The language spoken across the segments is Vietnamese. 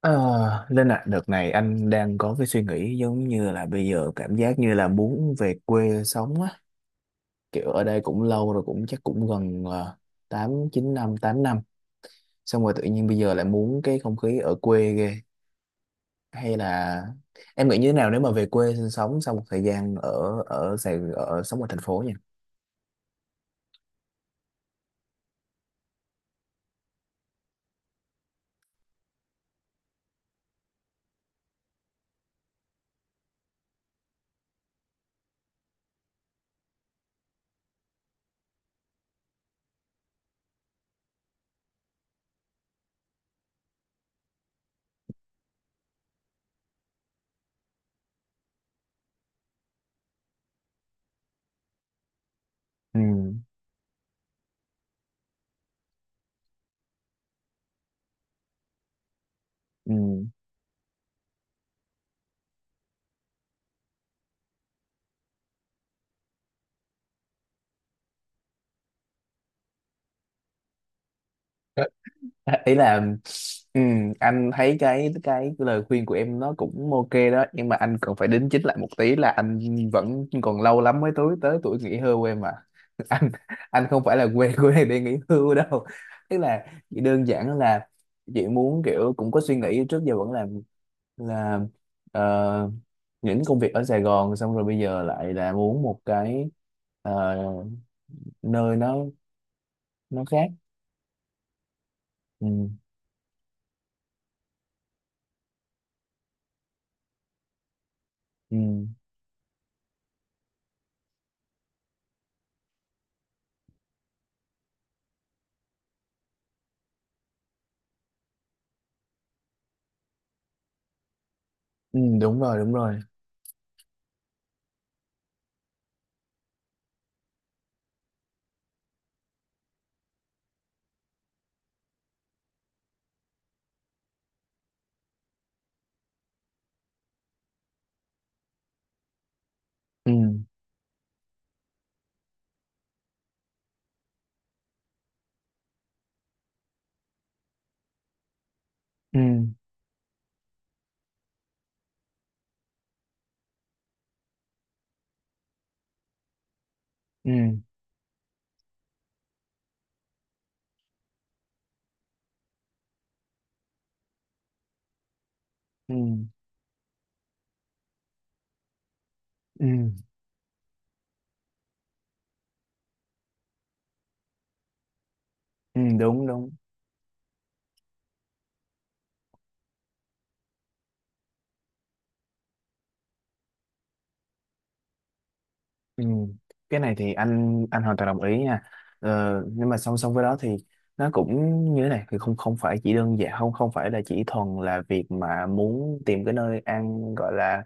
Ờ, Linh ạ, đợt này anh đang có cái suy nghĩ giống như là bây giờ cảm giác như là muốn về quê sống á, kiểu ở đây cũng lâu rồi cũng chắc cũng gần 8 9 năm, 8 năm. Xong rồi tự nhiên bây giờ lại muốn cái không khí ở quê ghê. Hay là em nghĩ như thế nào nếu mà về quê sinh sống sau một thời gian ở ở Sài ở sống ở thành phố nha. Ừ. Ừ. Ý là anh thấy cái lời khuyên của em nó cũng ok đó, nhưng mà anh cần phải đính chính lại một tí là anh vẫn còn lâu lắm mới tới tới tuổi nghỉ hưu em à. anh anh không phải là quê của này để nghỉ hưu đâu, tức là chỉ đơn giản là chị muốn kiểu cũng có suy nghĩ trước giờ vẫn làm, là ờ, những công việc ở Sài Gòn, xong rồi bây giờ lại là muốn một cái ờ, nơi nó khác. Ừ, ừ, ừ, đúng rồi, đúng rồi. Ừ, ừ, ừ, ừ, ừ, ừ, đúng, đúng. Ừ. Cái này thì anh hoàn toàn đồng ý nha. Nhưng mà song song với đó thì nó cũng như thế này, thì không không phải chỉ đơn giản, không không phải là chỉ thuần là việc mà muốn tìm cái nơi ăn gọi là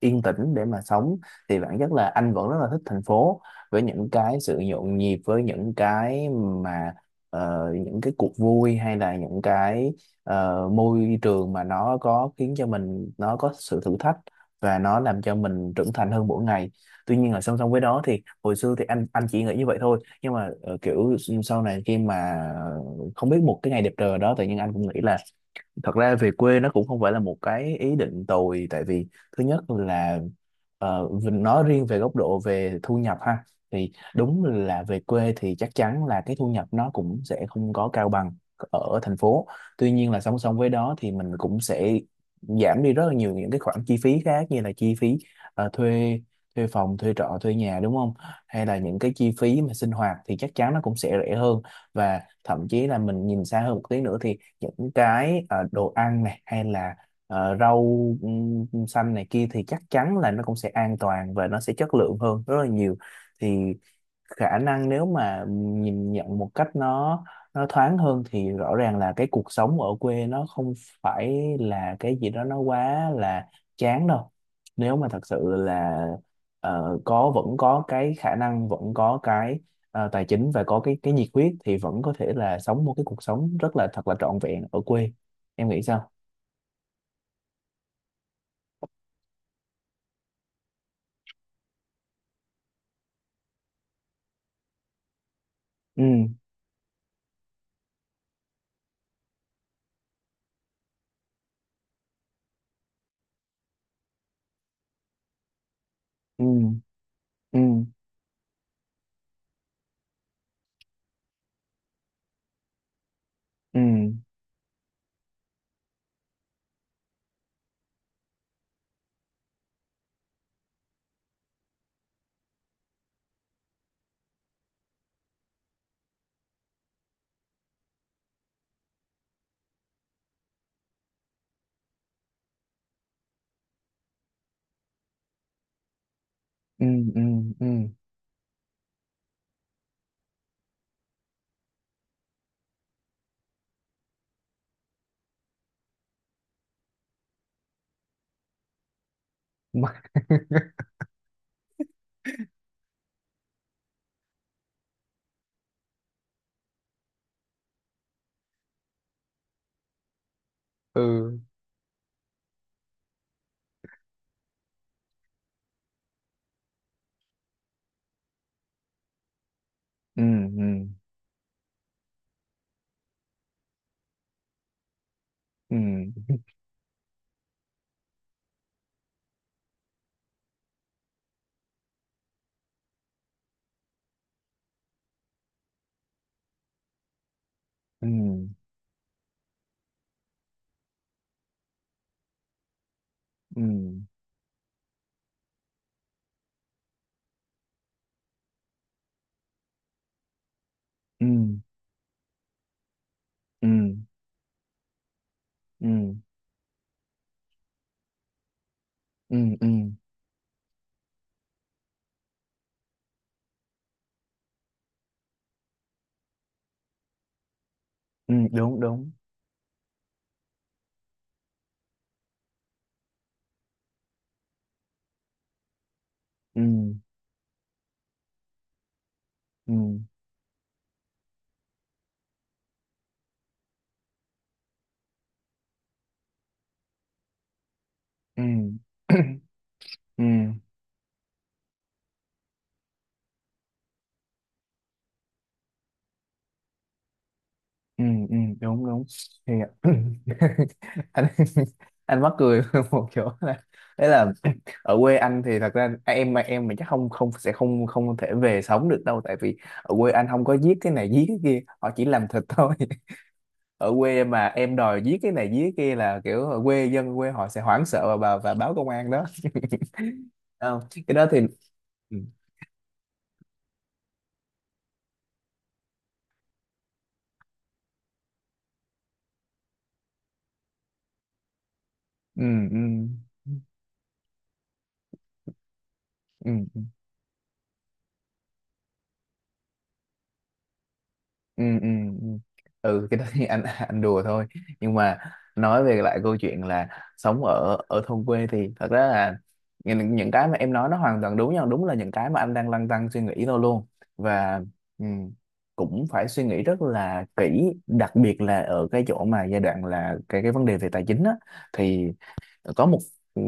yên tĩnh để mà sống. Thì bản chất là anh vẫn rất là thích thành phố, với những cái sự nhộn nhịp, với những cái mà những cái cuộc vui, hay là những cái môi trường mà nó có khiến cho mình nó có sự thử thách và nó làm cho mình trưởng thành hơn mỗi ngày. Tuy nhiên là song song với đó thì hồi xưa thì anh chỉ nghĩ như vậy thôi, nhưng mà kiểu sau này khi mà không biết một cái ngày đẹp trời đó, tự nhiên anh cũng nghĩ là thật ra về quê nó cũng không phải là một cái ý định tồi. Tại vì thứ nhất là mình nói riêng về góc độ về thu nhập ha, thì đúng là về quê thì chắc chắn là cái thu nhập nó cũng sẽ không có cao bằng ở thành phố. Tuy nhiên là song song với đó thì mình cũng sẽ giảm đi rất là nhiều những cái khoản chi phí khác, như là chi phí thuê thuê phòng, thuê trọ, thuê nhà đúng không, hay là những cái chi phí mà sinh hoạt thì chắc chắn nó cũng sẽ rẻ hơn. Và thậm chí là mình nhìn xa hơn một tí nữa thì những cái đồ ăn này, hay là rau xanh này kia thì chắc chắn là nó cũng sẽ an toàn và nó sẽ chất lượng hơn rất là nhiều. Thì khả năng nếu mà nhìn nhận một cách nó thoáng hơn thì rõ ràng là cái cuộc sống ở quê nó không phải là cái gì đó nó quá là chán đâu. Nếu mà thật sự là có, vẫn có cái khả năng, vẫn có cái tài chính và có cái nhiệt huyết, thì vẫn có thể là sống một cái cuộc sống rất là thật là trọn vẹn ở quê. Em nghĩ sao? Ừ, ừ, ừ, ừ, ừ, ừ, ừ. Ừ, ừ, ừ, ừ. Ừ, ừ, ừ, ừ, ừ, ừ, ừ, ừ, đúng, đúng. Ừ, ừ, ừ. Ừ, ừ, ừ, ừ. Đúng, đúng. Thì anh anh mắc cười một chỗ là đấy là. Ở quê anh thì thật ra em mà em mình chắc không không sẽ không không thể về sống được đâu, tại vì ở quê anh không có giết cái này giết cái kia, họ chỉ làm thịt thôi. Ở quê mà em đòi giết cái này giết kia là kiểu ở quê dân quê họ sẽ hoảng sợ và và báo công an đó. Không, cái đó thì ừ, ừ, ừ. Ừ. Ừ, ừ, ừ. Ừ, cái đó thì anh anh đùa thôi, nhưng mà nói về lại câu chuyện là sống ở ở thôn quê thì thật ra là những cái mà em nói nó hoàn toàn đúng nhau, đúng là những cái mà anh đang lăn tăn suy nghĩ thôi luôn. Và ừ, cũng phải suy nghĩ rất là kỹ, đặc biệt là ở cái chỗ mà giai đoạn là cái vấn đề về tài chính á, thì có một ừ,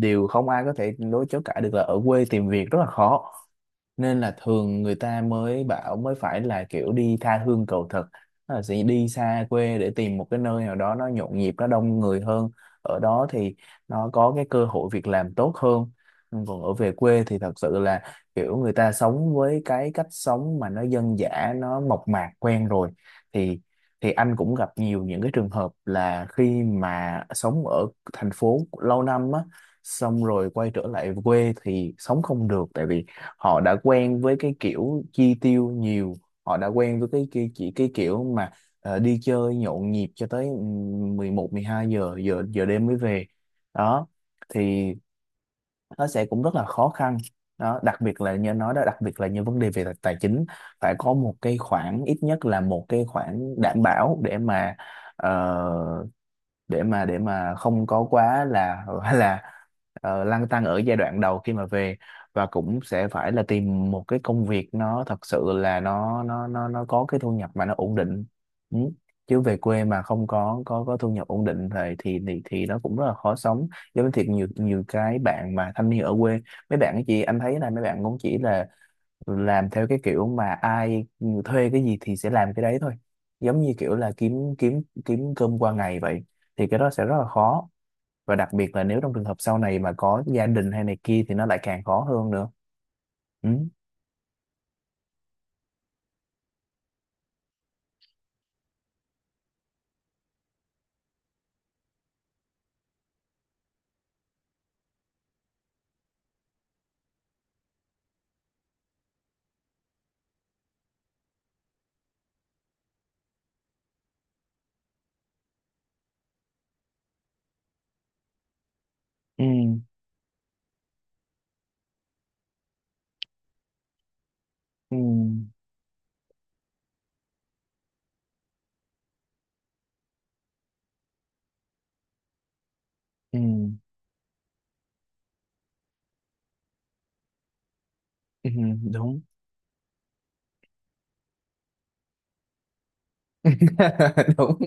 điều không ai có thể đối chối cãi được là ở quê tìm việc rất là khó, nên là thường người ta mới bảo mới phải là kiểu đi tha hương cầu thực. Tức là sẽ đi xa quê để tìm một cái nơi nào đó nó nhộn nhịp, nó đông người hơn, ở đó thì nó có cái cơ hội việc làm tốt hơn. Nhưng còn ở về quê thì thật sự là kiểu người ta sống với cái cách sống mà nó dân dã, nó mộc mạc quen rồi. Thì anh cũng gặp nhiều những cái trường hợp là khi mà sống ở thành phố lâu năm á, xong rồi quay trở lại quê thì sống không được, tại vì họ đã quen với cái kiểu chi tiêu nhiều, họ đã quen với cái chỉ cái kiểu mà đi chơi nhộn nhịp cho tới 11 12 giờ giờ giờ đêm mới về đó. Thì nó sẽ cũng rất là khó khăn đó, đặc biệt là như anh nói đó, đặc biệt là như vấn đề về tài tài chính. Phải có một cái khoản ít nhất là một cái khoản đảm bảo để mà ờ, để mà không có quá là là lăn tăn ở giai đoạn đầu khi mà về. Và cũng sẽ phải là tìm một cái công việc nó thật sự là nó có cái thu nhập mà nó ổn định. Ừ. Chứ về quê mà không có có thu nhập ổn định thì thì nó cũng rất là khó sống. Giống như thiệt nhiều nhiều cái bạn mà thanh niên ở quê, mấy bạn ấy chị anh thấy là mấy bạn cũng chỉ là làm theo cái kiểu mà ai thuê cái gì thì sẽ làm cái đấy thôi, giống như kiểu là kiếm kiếm kiếm cơm qua ngày vậy. Thì cái đó sẽ rất là khó, và đặc biệt là nếu trong trường hợp sau này mà có gia đình hay này kia thì nó lại càng khó hơn nữa. Ừ. Ừ. Ừ. Ừ. Ừ. Đúng, đúng.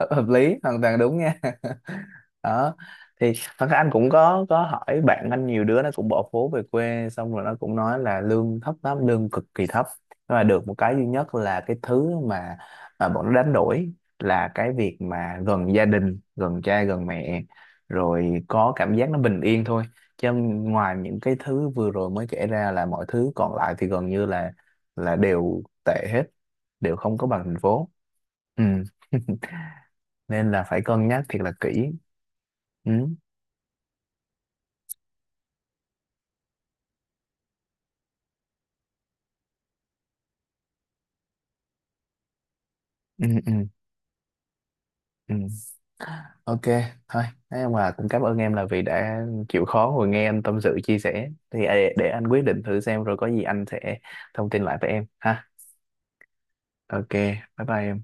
Hợp Hợp lý, hoàn toàn đúng nha. Đó. Thì thật ra anh cũng có hỏi bạn anh, nhiều đứa nó cũng bỏ phố về quê xong rồi nó cũng nói là lương thấp lắm, lương cực kỳ thấp, nhưng mà được một cái duy nhất là cái thứ mà bọn nó đánh đổi là cái việc mà gần gia đình, gần cha gần mẹ, rồi có cảm giác nó bình yên thôi. Chứ ngoài những cái thứ vừa rồi mới kể ra là mọi thứ còn lại thì gần như là đều tệ hết, đều không có bằng thành phố. Ừ. Nên là phải cân nhắc thiệt là kỹ. Ừ, ừ, ừ, ừ. Ok, thôi, thế mà cũng cảm ơn em là vì đã chịu khó ngồi nghe anh tâm sự chia sẻ, thì để anh quyết định thử xem, rồi có gì anh sẽ thông tin lại với em ha. Ok, bye bye em.